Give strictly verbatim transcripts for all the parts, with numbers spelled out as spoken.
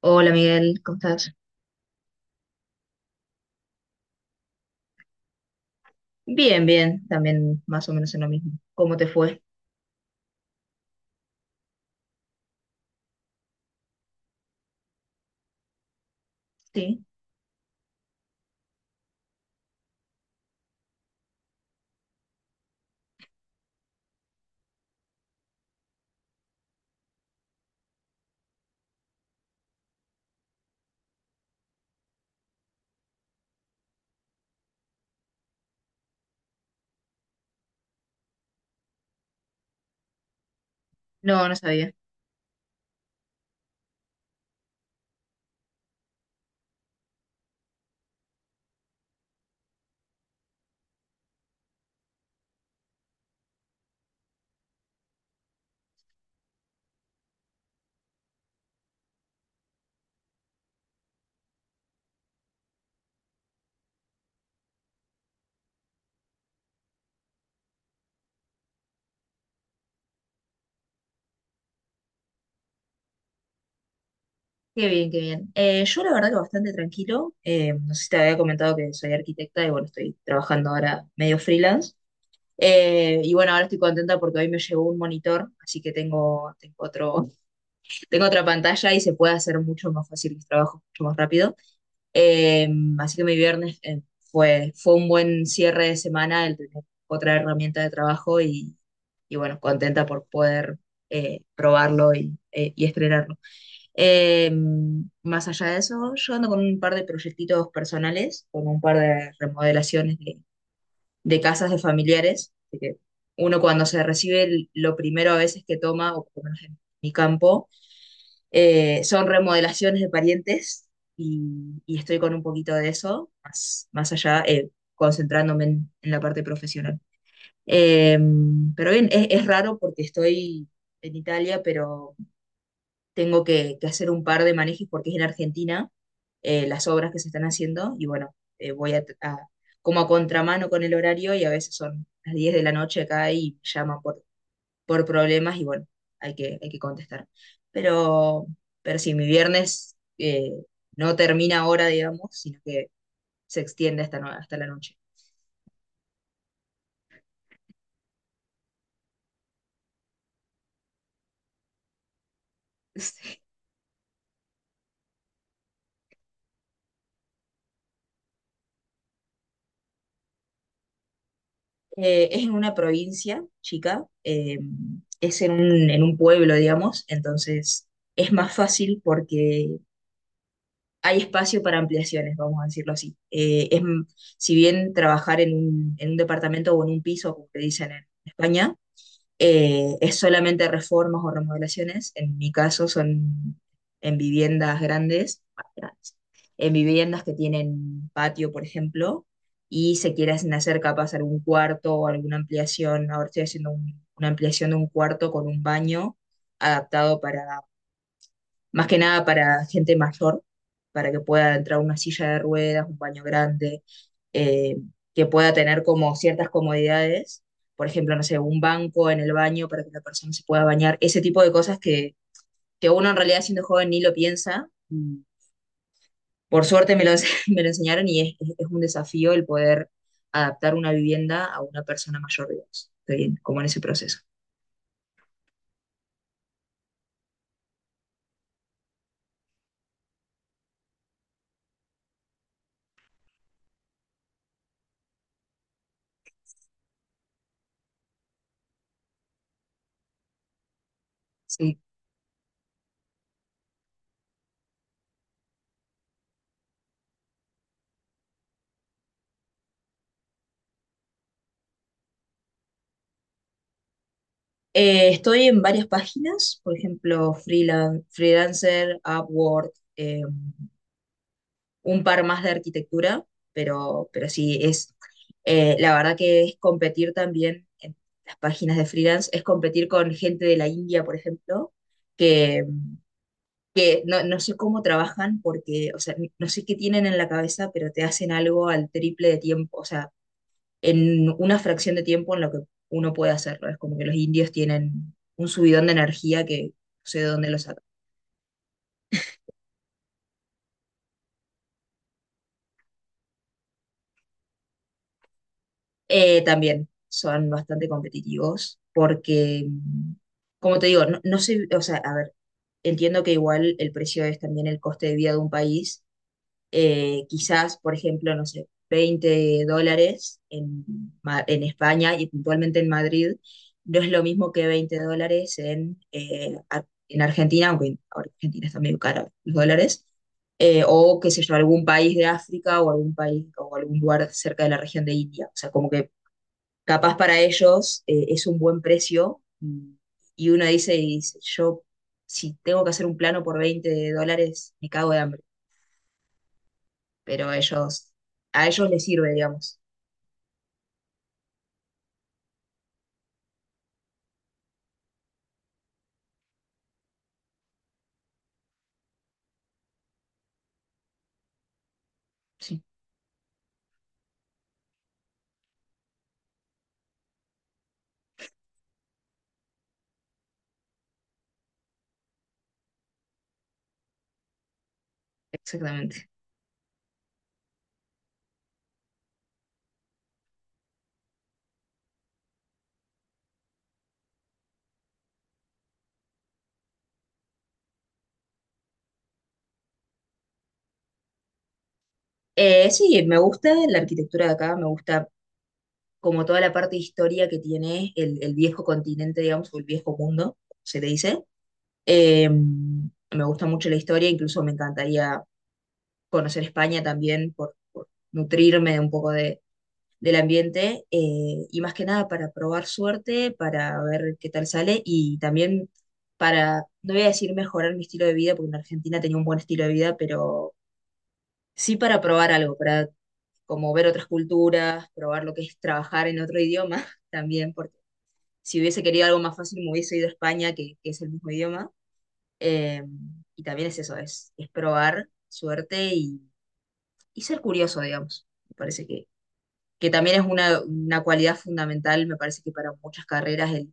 Hola Miguel, ¿cómo estás? Bien, bien, también más o menos en lo mismo. ¿Cómo te fue? Sí, no, no sabía. Qué bien, qué bien. Eh, yo la verdad que bastante tranquilo. Eh, no sé si te había comentado que soy arquitecta y bueno, estoy trabajando ahora medio freelance. Eh, y bueno, ahora estoy contenta porque hoy me llegó un monitor, así que tengo, tengo otro, tengo otra pantalla y se puede hacer mucho más fácil mis trabajos, mucho más rápido. Eh, Así que mi viernes eh, fue, fue un buen cierre de semana, el tener otra herramienta de trabajo y, y bueno, contenta por poder eh, probarlo y, eh, y estrenarlo. Eh, Más allá de eso, yo ando con un par de proyectitos personales, con un par de remodelaciones de, de casas de familiares. Así que uno cuando se recibe, lo primero a veces que toma, o por lo menos en mi campo, eh, son remodelaciones de parientes y, y estoy con un poquito de eso, más, más allá, eh, concentrándome en, en la parte profesional. Eh, pero bien, es, es raro porque estoy en Italia, pero tengo que, que hacer un par de manejos porque es en Argentina eh, las obras que se están haciendo y bueno, eh, voy a, a- como a contramano con el horario y a veces son las diez de la noche acá y me llaman por por problemas y bueno, hay que, hay que contestar. Pero, pero sí, mi viernes eh, no termina ahora, digamos, sino que se extiende hasta, no- hasta la noche. Eh, es en una provincia, chica, eh, es en un, en un pueblo, digamos, entonces es más fácil porque hay espacio para ampliaciones, vamos a decirlo así. Eh, es, m- si bien trabajar en un, en un departamento o en un piso, como te dicen en España, eh, es solamente reformas o remodelaciones, en mi caso son en viviendas grandes, ah, grandes, en viviendas que tienen patio, por ejemplo, y se quieren hacer capaz algún cuarto o alguna ampliación, ahora estoy haciendo un- una ampliación de un cuarto con un baño adaptado para más que nada para gente mayor, para que pueda entrar una silla de ruedas, un baño grande, eh, que pueda tener como ciertas comodidades, por ejemplo, no sé, un banco en el baño para que la persona se pueda bañar, ese tipo de cosas que, que uno en realidad siendo joven ni lo piensa. Mm. Por suerte me lo, ense- me lo enseñaron y es, es- es un desafío el poder adaptar una vivienda a una persona mayor, digamos. Estoy en- como en ese proceso. Eh, estoy en varias páginas, por ejemplo, Freelan- Freelancer, Upwork, eh, un par más de arquitectura, pero, pero sí, es, eh, la verdad que es competir también en las páginas de freelance, es competir con gente de la India, por ejemplo, que, que no, no sé cómo trabajan porque, o sea, no sé qué tienen en la cabeza, pero te hacen algo al triple de tiempo, o sea, en una fracción de tiempo en lo que uno puede hacerlo. Es como que los indios tienen un subidón de energía que no sé de dónde lo sacan. Eh, también son bastante competitivos porque, mm, como te digo, no, no sé, o sea, a ver, entiendo que igual el precio es también el coste de vida de un país eh, quizás, por ejemplo, no sé, veinte dólares en, Ma- en España y puntualmente en Madrid, no es lo mismo que veinte dólares en, eh, Ar- en Argentina, aunque en- ahora Argentina está medio cara los dólares, eh, o qué sé yo, algún país de África o algún país o algún lugar cerca de la región de India. O sea, como que capaz para ellos eh, es un buen precio, mm, y uno dice, y dice, yo si tengo que hacer un plano por veinte dólares, me cago de hambre, pero ellos, a ellos les sirve, digamos. Sí, exactamente. Eh, sí, me gusta la arquitectura de acá, me gusta como toda la parte de historia que tiene el, el viejo continente, digamos, o el viejo mundo, se le dice. Eh, me gusta mucho la historia, incluso me encantaría conocer España también por, por nutrirme un poco de, del ambiente, eh, y más que nada para probar suerte, para ver qué tal sale y también para, no voy a decir mejorar mi estilo de vida, porque en Argentina tenía un buen estilo de vida, pero sí para probar algo, para como ver otras culturas, probar lo que es trabajar en otro idioma también, porque si hubiese querido algo más fácil me hubiese ido a España, que, que es el mismo idioma. Eh, y también es eso, es, es probar suerte y, y ser curioso, digamos. Me parece que, que también es una, una cualidad fundamental, me parece que para muchas carreras, el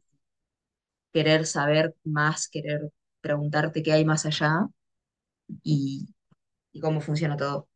querer saber más, querer preguntarte qué hay más allá y, y cómo funciona todo.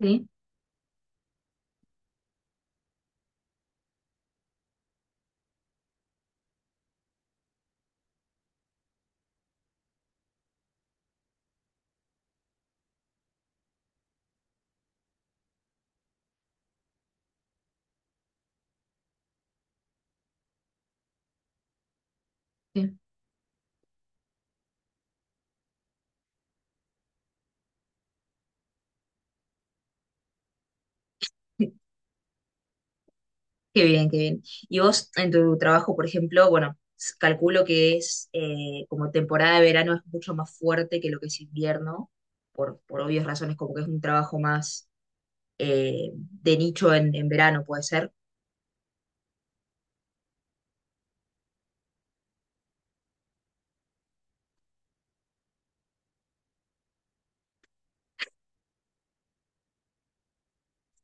Sí, sí. Qué bien, qué bien. Y vos en tu trabajo, por ejemplo, bueno, s- calculo que es eh, como temporada de verano es mucho más fuerte que lo que es invierno, por, por obvias razones, como que es un trabajo más eh, de nicho en, en verano, puede ser.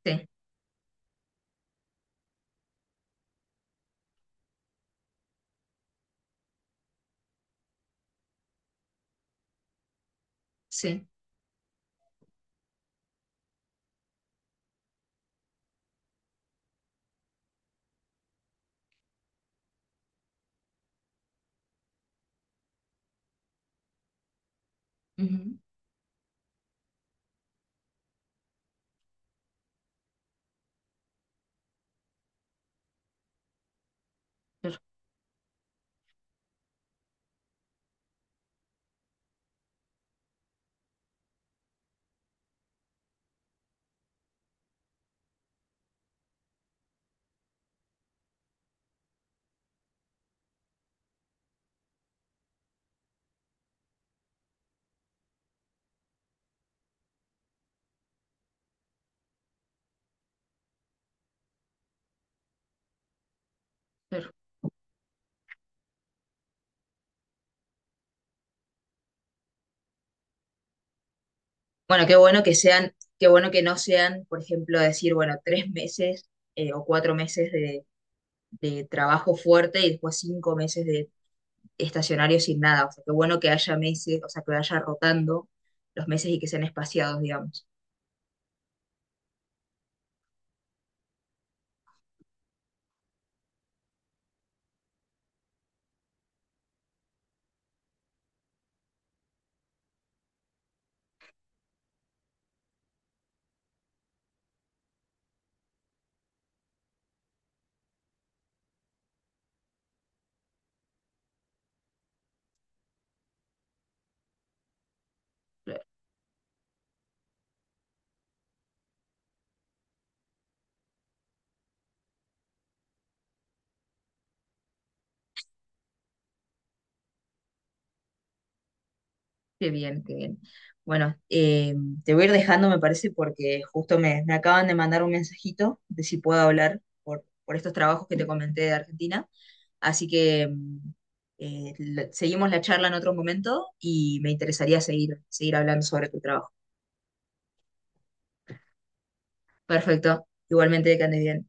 Sí, sí. Ujú, per- bueno, qué bueno que sean, qué bueno que no sean, por ejemplo, decir, bueno, tres meses eh, o cuatro meses de, de trabajo fuerte y después cinco meses de estacionario sin nada. O sea, qué bueno que haya meses, o sea, que vaya rotando los meses y que sean espaciados, digamos. Claro. Qué bien, qué bien. Bueno, eh, te voy a ir dejando, me parece, porque justo me, me acaban de mandar un mensajito de si puedo hablar por, por estos trabajos que te comenté de Argentina. Así que mm, eh, la- seguimos la charla en otro momento y me interesaría seguir, seguir hablando sobre tu trabajo. Perfecto. Igualmente, que andes bien.